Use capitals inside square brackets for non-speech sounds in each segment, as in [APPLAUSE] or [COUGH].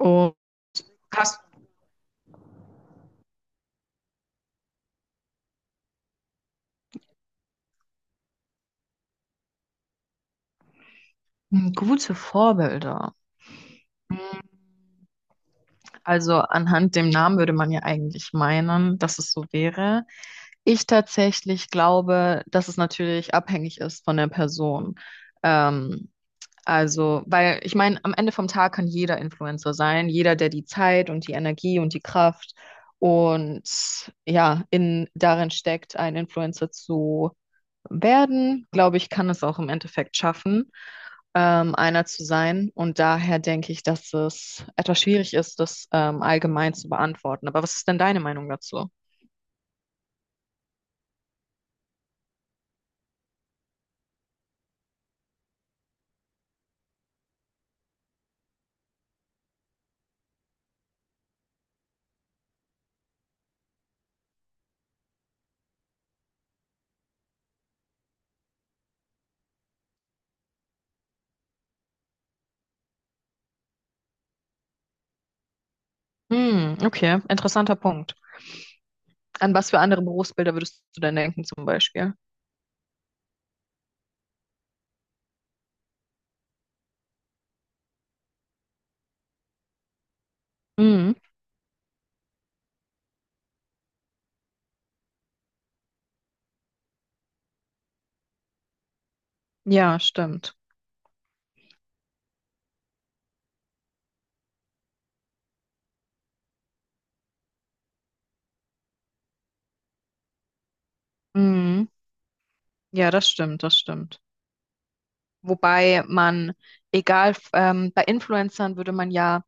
Oh, hast hm, gute Vorbilder. Also anhand dem Namen würde man ja eigentlich meinen, dass es so wäre. Ich tatsächlich glaube, dass es natürlich abhängig ist von der Person. Ähm, weil ich meine, am Ende vom Tag kann jeder Influencer sein, jeder, der die Zeit und die Energie und die Kraft und ja, in darin steckt, ein Influencer zu werden, glaube ich, kann es auch im Endeffekt schaffen, einer zu sein. Und daher denke ich, dass es etwas schwierig ist, das allgemein zu beantworten. Aber was ist denn deine Meinung dazu? Hm, okay, interessanter Punkt. An was für andere Berufsbilder würdest du denn denken, zum Beispiel? Hm, ja, stimmt. Hm, ja, das stimmt, das stimmt. Wobei man, egal, bei Influencern würde man ja,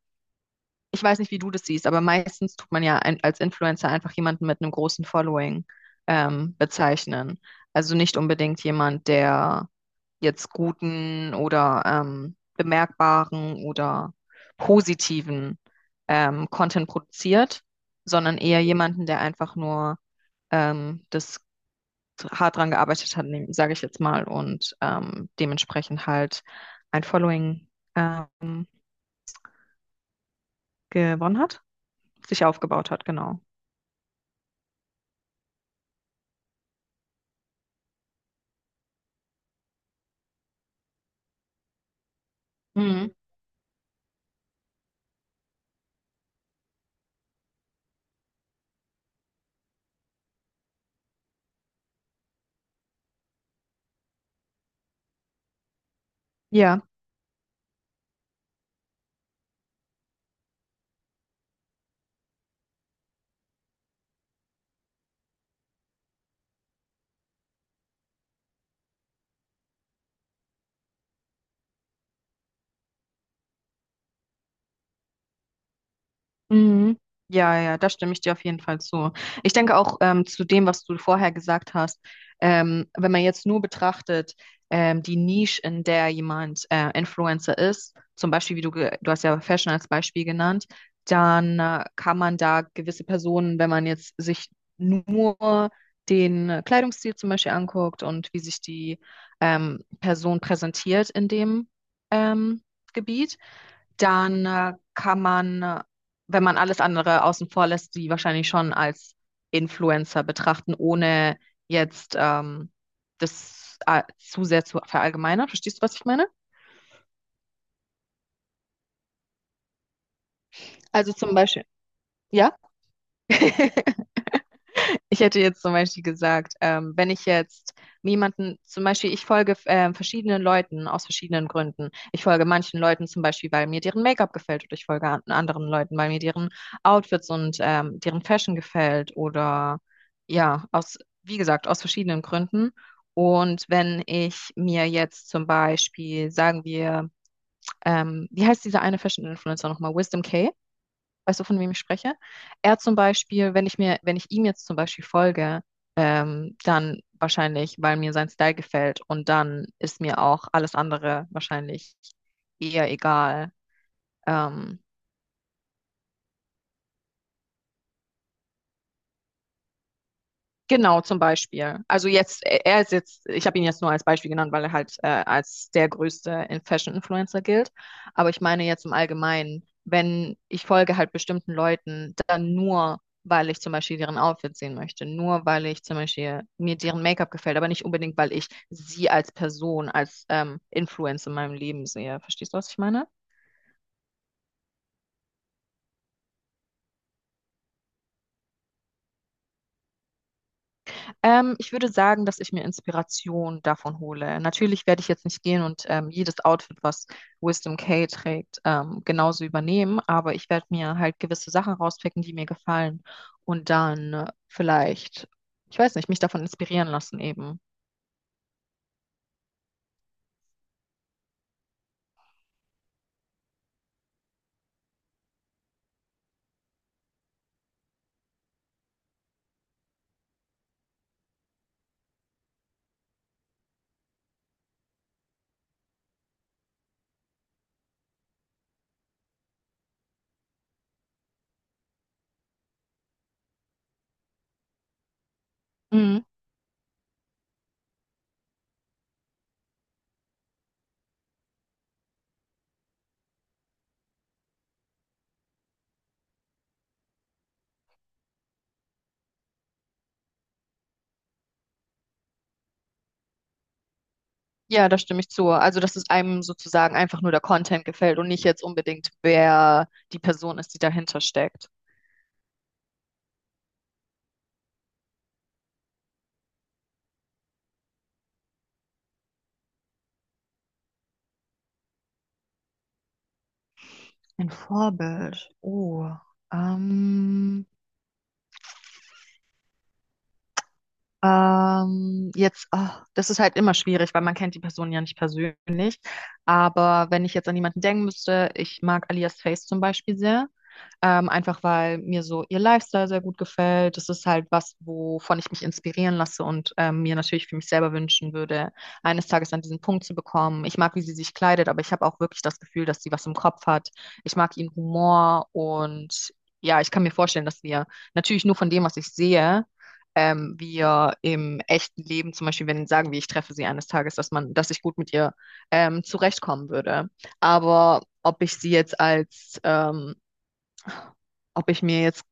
ich weiß nicht, wie du das siehst, aber meistens tut man ja ein, als Influencer einfach jemanden mit einem großen Following bezeichnen. Also nicht unbedingt jemand, der jetzt guten oder bemerkbaren oder positiven Content produziert, sondern eher jemanden, der einfach nur das hart dran gearbeitet hat, sage ich jetzt mal, und dementsprechend halt ein Following ähm, gewonnen hat, sich aufgebaut hat, genau. Mhm. Ja, mhm. Ja, ja, da stimme ich dir auf jeden Fall zu. Ich denke auch, zu dem, was du vorher gesagt hast, wenn man jetzt nur betrachtet, die Nische, in der jemand Influencer ist, zum Beispiel, wie du, du hast ja Fashion als Beispiel genannt, dann kann man da gewisse Personen, wenn man jetzt sich nur den Kleidungsstil zum Beispiel anguckt und wie sich die Person präsentiert in dem ähm, Gebiet, dann wenn man alles andere außen vor lässt, die wahrscheinlich schon als Influencer betrachten, ohne jetzt das zu sehr zu verallgemeinern. Verstehst du, was ich meine? Also zum Beispiel, ja? [LAUGHS] Ich hätte jetzt zum Beispiel gesagt, wenn ich jetzt jemanden, zum Beispiel, ich folge verschiedenen Leuten aus verschiedenen Gründen. Ich folge manchen Leuten zum Beispiel, weil mir deren Make-up gefällt, oder ich folge an anderen Leuten, weil mir deren Outfits und deren Fashion gefällt, oder ja, aus, wie gesagt, aus verschiedenen Gründen. Und wenn ich mir jetzt zum Beispiel, sagen wir, wie heißt diese eine Fashion-Influencer nochmal? Wisdom K. Weißt du, von wem ich spreche? Er zum Beispiel, wenn ich mir, wenn ich ihm jetzt zum Beispiel folge, dann wahrscheinlich, weil mir sein Style gefällt und dann ist mir auch alles andere wahrscheinlich eher egal. Ähm, Genau, zum Beispiel. Also jetzt, er ist jetzt, ich habe ihn jetzt nur als Beispiel genannt, weil er halt als der größte Fashion-Influencer gilt. Aber ich meine jetzt im Allgemeinen, wenn ich folge halt bestimmten Leuten, dann nur, weil ich zum Beispiel deren Outfit sehen möchte, nur weil ich zum Beispiel mir deren Make-up gefällt, aber nicht unbedingt, weil ich sie als Person, als Influencer in meinem Leben sehe. Verstehst du, was ich meine? Ich würde sagen, dass ich mir Inspiration davon hole. Natürlich werde ich jetzt nicht gehen und jedes Outfit, was Wisdom K trägt, genauso übernehmen, aber ich werde mir halt gewisse Sachen rauspicken, die mir gefallen und dann vielleicht, ich weiß nicht, mich davon inspirieren lassen eben. Mhm. Ja, da stimme ich zu. Also, dass es einem sozusagen einfach nur der Content gefällt und nicht jetzt unbedingt, wer die Person ist, die dahinter steckt. Ein Vorbild. Oh, ähm, oh, das ist halt immer schwierig, weil man kennt die Person ja nicht persönlich. Aber wenn ich jetzt an jemanden denken müsste, ich mag Alias Face zum Beispiel sehr, einfach weil mir so ihr Lifestyle sehr gut gefällt. Das ist halt was, wovon ich mich inspirieren lasse und mir natürlich für mich selber wünschen würde, eines Tages an diesen Punkt zu bekommen. Ich mag, wie sie sich kleidet, aber ich habe auch wirklich das Gefühl, dass sie was im Kopf hat. Ich mag ihren Humor und ja, ich kann mir vorstellen, dass wir, natürlich nur von dem, was ich sehe, wir im echten Leben, zum Beispiel, wenn sagen wir, ich treffe sie eines Tages, dass man, dass ich gut mit ihr zurechtkommen würde. Aber ob ich sie jetzt als ähm, ob ich mir jetzt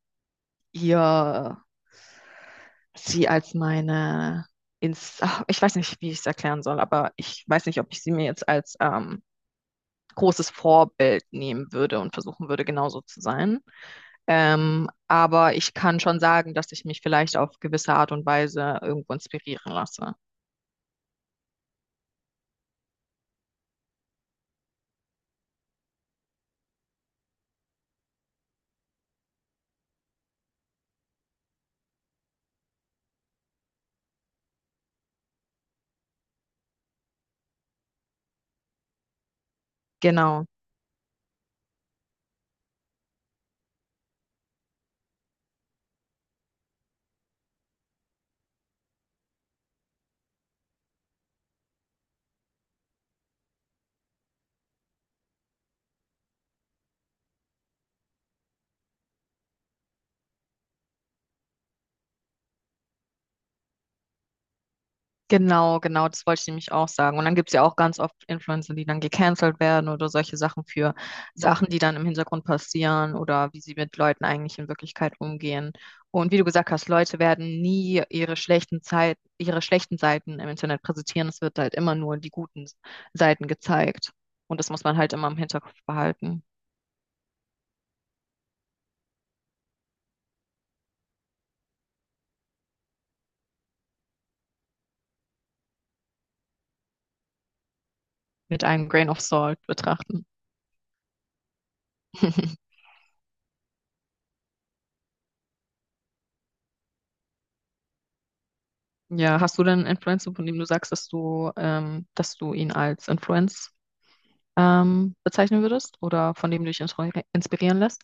hier sie als meine ins, ach, ich weiß nicht, wie ich es erklären soll, aber ich weiß nicht, ob ich sie mir jetzt als großes Vorbild nehmen würde und versuchen würde, genauso zu sein. Aber ich kann schon sagen, dass ich mich vielleicht auf gewisse Art und Weise irgendwo inspirieren lasse. Genau. Genau, genau, das wollte ich nämlich auch sagen. Und dann gibt es ja auch ganz oft Influencer, die dann gecancelt werden oder solche Sachen für Sachen, die dann im Hintergrund passieren oder wie sie mit Leuten eigentlich in Wirklichkeit umgehen. Und wie du gesagt hast, Leute werden nie ihre schlechten Zeit, ihre schlechten Seiten im Internet präsentieren. Es wird halt immer nur die guten Seiten gezeigt. Und das muss man halt immer im Hinterkopf behalten, mit einem Grain of Salt betrachten. [LAUGHS] Ja, hast du denn einen Influencer, von dem du sagst, dass du ihn als Influencer bezeichnen würdest oder von dem du dich inspirieren lässt?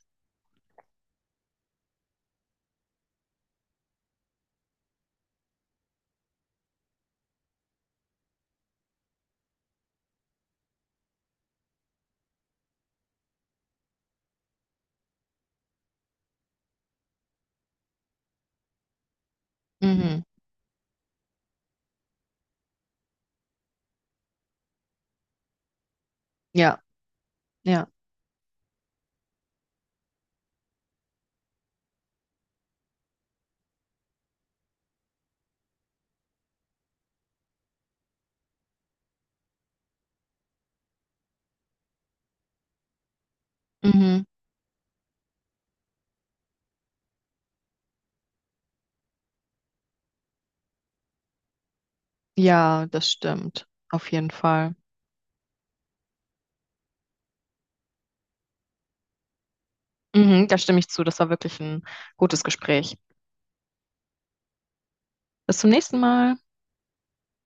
Mhm. Ja, ja. Mhm. Ja, das stimmt. Auf jeden Fall. Mhm, da stimme ich zu. Das war wirklich ein gutes Gespräch. Bis zum nächsten Mal.